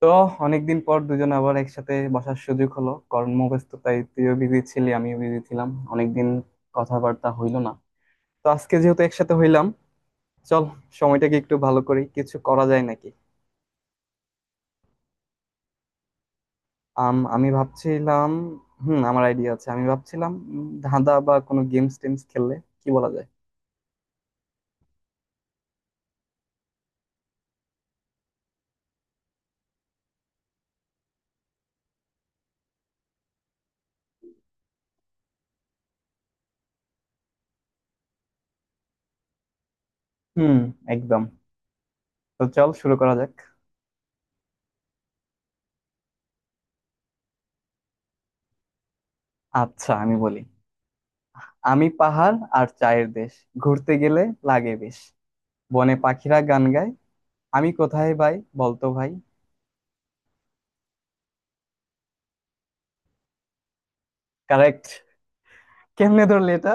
তো অনেকদিন পর দুজন আবার একসাথে বসার সুযোগ হলো। কর্মব্যস্ততায় তুইও বিজি ছিলি, আমিও বিজি ছিলাম। অনেকদিন কথাবার্তা হইলো না। তো আজকে যেহেতু একসাথে হইলাম, চল সময়টাকে একটু ভালো করি, কিছু করা যায় নাকি। আমি ভাবছিলাম। হুম, আমার আইডিয়া আছে। আমি ভাবছিলাম ধাঁধা বা কোনো গেমস টেমস খেললে কি বলা যায়। হুম, একদম। তো চল শুরু করা যাক। আচ্ছা, আমি বলি। আমি পাহাড় আর চায়ের দেশ, ঘুরতে গেলে লাগে বেশ, বনে পাখিরা গান গায়, আমি কোথায় ভাই? বলতো ভাই। কারেক্ট। কেমনে ধরলি এটা?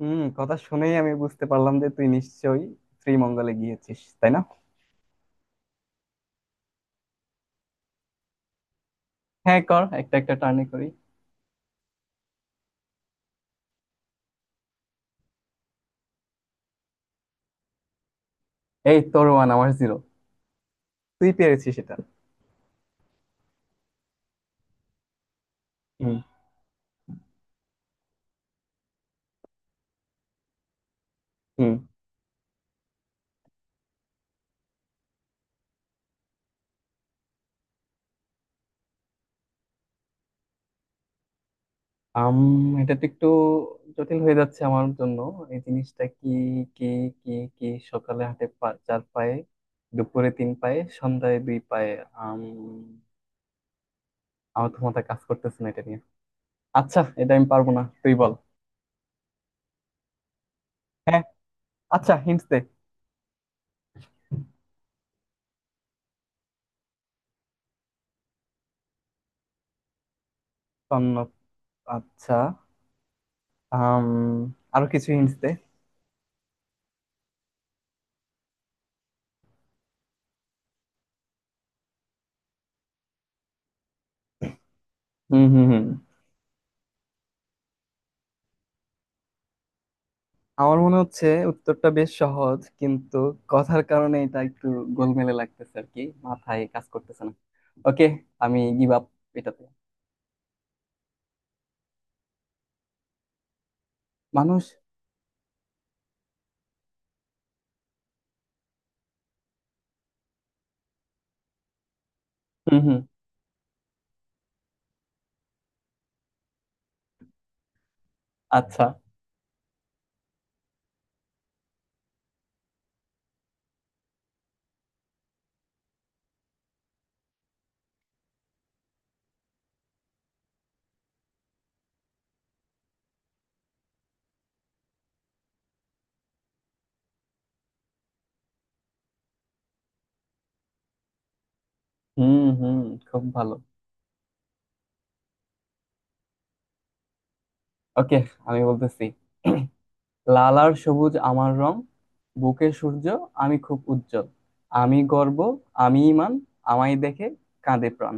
হুম, কথা শুনেই আমি বুঝতে পারলাম যে তুই নিশ্চয়ই শ্রীমঙ্গলে গিয়েছিস, তাই না? হ্যাঁ কর, একটা একটা টার্নে করি। এই, তোর ওয়ান আমার জিরো। তুই পেরেছিস এটা। হুম। হুম। আম এটা তো একটু জটিল হয়ে যাচ্ছে আমার জন্য। এই জিনিসটা কি? কি? কি? কি? সকালে হাঁটে চার পায়ে, দুপুরে তিন পায়ে, সন্ধ্যায় দুই পায়ে। আম আমার তো মাথা কাজ করতেছে না এটা নিয়ে। আচ্ছা, এটা আমি পারবো না, তুই বল। হ্যাঁ, আচ্ছা হিন্টস দে। তন্ন। আচ্ছা। আম, আরো কিছু হিন্টস দে। হুম হুম হুম। আমার মনে হচ্ছে উত্তরটা বেশ সহজ, কিন্তু কথার কারণে এটা একটু গোলমেলে লাগতেছে আর কি, মাথায় কাজ করতেছে না। ওকে, আমি গিভ আপ এটাতে। মানুষ। হুম হুম। আচ্ছা। হুম হুম, খুব ভালো। ওকে, আমি বলতেছি। লাল আর সবুজ আমার রং, বুকে সূর্য আমি খুব উজ্জ্বল, আমি গর্ব, আমি ইমান, আমায় দেখে কাঁদে প্রাণ।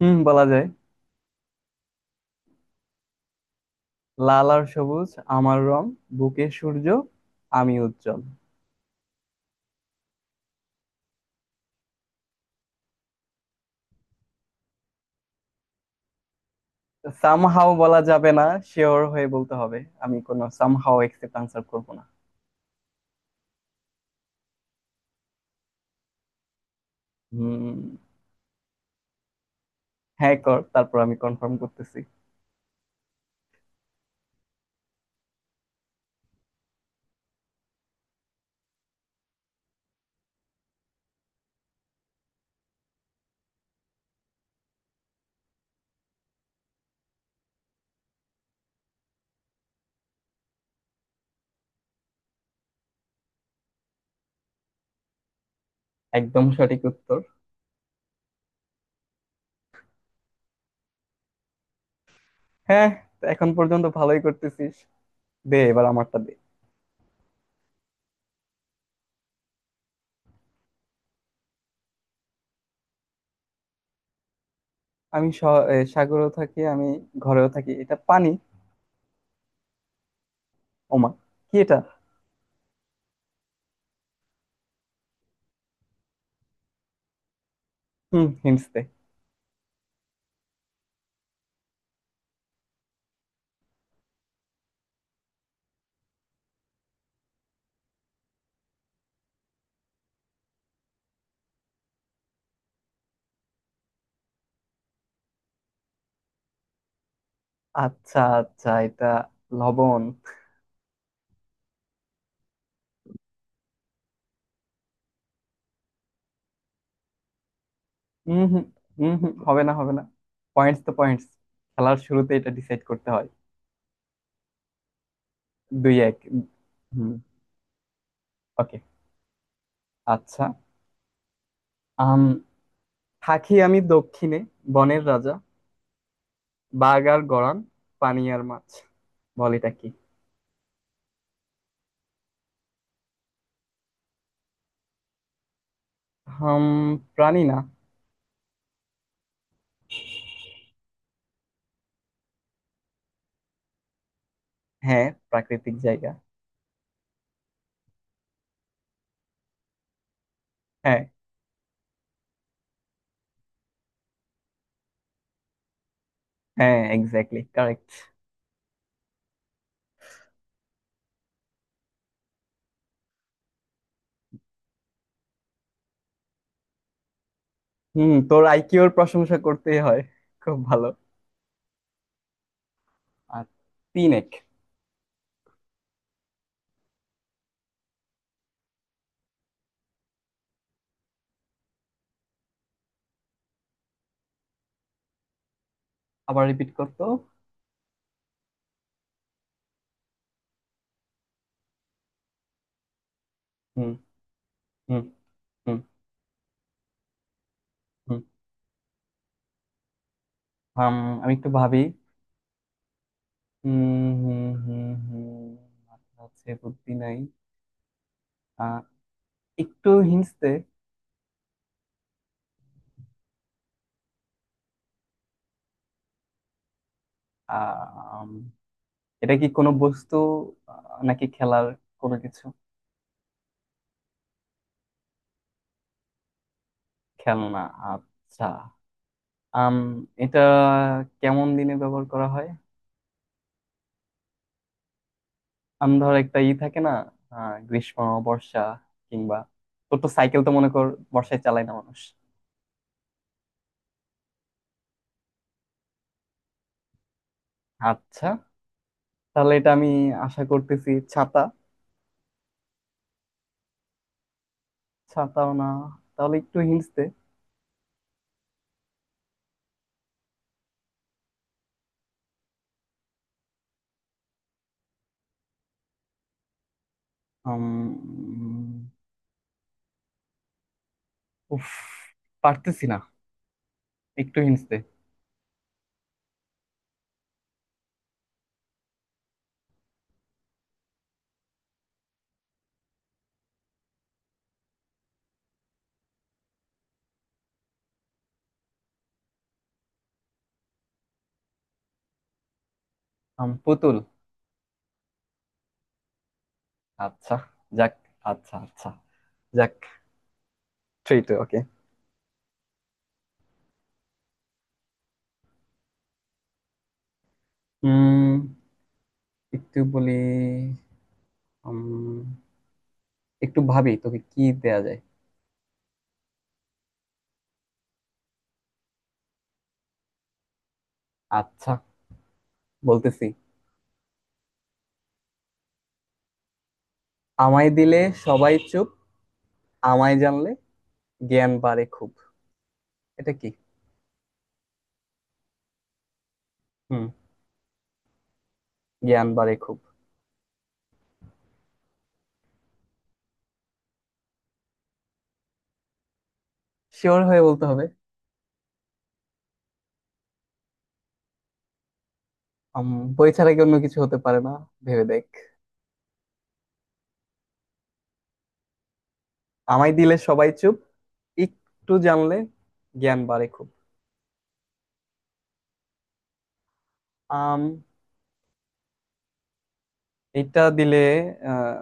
হুম, বলা যায়। লাল আর সবুজ আমার রং, বুকে সূর্য আমি উজ্জ্বল। সামহাও বলা যাবে না, শিওর হয়ে বলতে হবে। আমি কোনো সামহাও একসেপ্ট আনসার করব না। হুম। হ্যাঁ কর, তারপর আমি কনফার্ম করতেছি। একদম সঠিক উত্তর। হ্যাঁ, তো এখন পর্যন্ত ভালোই করতেছিস। দে, এবার আমারটা দে। আমি সাগরেও থাকি আমি ঘরেও থাকি, এটা পানি। ওমা, কি এটা? হুম, হিন্টস দে। আচ্ছা আচ্ছা, এটা লবণ। হুম হুম। হুম হুম, হবে না হবে না। পয়েন্টস তো পয়েন্টস, খেলার শুরুতে এটা ডিসাইড করতে হয়। দুই এক। হুম। ওকে। আচ্ছা। আম থাকি আমি দক্ষিণে, বনের রাজা বাঘ আর গড়ান, পানি আর মাছ, বল এটা কি। হাম, প্রাণী না। হ্যাঁ, প্রাকৃতিক জায়গা। হ্যাঁ। হ্যাঁ, এক্স্যাক্টলি কারেক্ট। হুম, তোর আইকিউর প্রশংসা করতেই হয়। খুব ভালো। আর তিন এক। আবার রিপিট করতো। হুম। হুম। হুম হুম। হাম, আমি একটু ভাবি। হুম হুম হুম হুম। মাথা হচ্ছে, বুদ্ধি নাই। আহ, একটু হিন্টস দে। আহ, এটা কি কোনো বস্তু? নাকি খেলার কোনো কিছু? খেলনা। আচ্ছা। আম এটা কেমন দিনে ব্যবহার করা হয়? ধর একটা ই থাকে না, গ্রীষ্ম, বর্ষা কিংবা, তোর তো সাইকেল তো মনে কর, বর্ষায় চালায় না মানুষ। আচ্ছা, তাহলে এটা আমি আশা করতেছি ছাতা। ছাতাও না, তাহলে একটু হিন্টস দে। উম, উফ, পারতেছি না, একটু হিন্টস দে। পুতুল। আচ্ছা। যাক, আচ্ছা আচ্ছা, যাক। Three two, okay. উম একটু বলি। উম, একটু ভাবি তোকে কি দেয়া যায়। আচ্ছা, বলতেছি। আমায় দিলে সবাই চুপ, আমায় জানলে জ্ঞান বাড়ে খুব, এটা কি? হুম। জ্ঞান বাড়ে খুব। শিওর হয়ে বলতে হবে। উম, বই ছাড়া কি অন্য কিছু হতে পারে না? ভেবে দেখ। আমায় দিলে সবাই চুপ, একটু জানলে জ্ঞান বাড়ে খুব। আম এটা দিলে,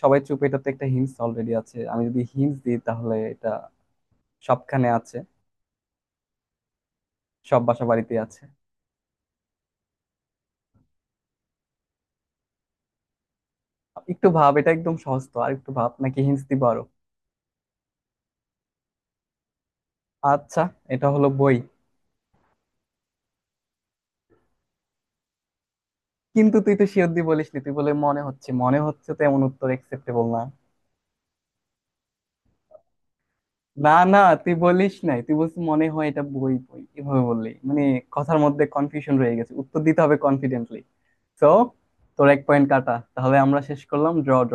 সবাই চুপ, এটাতে একটা হিন্স অলরেডি আছে, আমি যদি হিন্স দিই তাহলে এটা সবখানে আছে, সব বাসা বাড়িতে আছে। একটু ভাব, এটা একদম সহজ তো, আর একটু ভাব, নাকি হিন্স দিব আরো। আচ্ছা, এটা হলো বই। কিন্তু তুই তো শিওর দিয়ে বলিস নি, তুই বলে মনে হচ্ছে, মনে হচ্ছে, তো এমন উত্তর একসেপ্টেবল না। না না, তুই বলিস নাই, তুই বলছিস মনে হয় এটা বই, বই, এভাবে বললি মানে কথার মধ্যে কনফিউশন রয়ে গেছে। উত্তর দিতে হবে কনফিডেন্টলি। সো তোর এক পয়েন্ট কাটা, তাহলে আমরা শেষ করলাম, ড্র ড্র।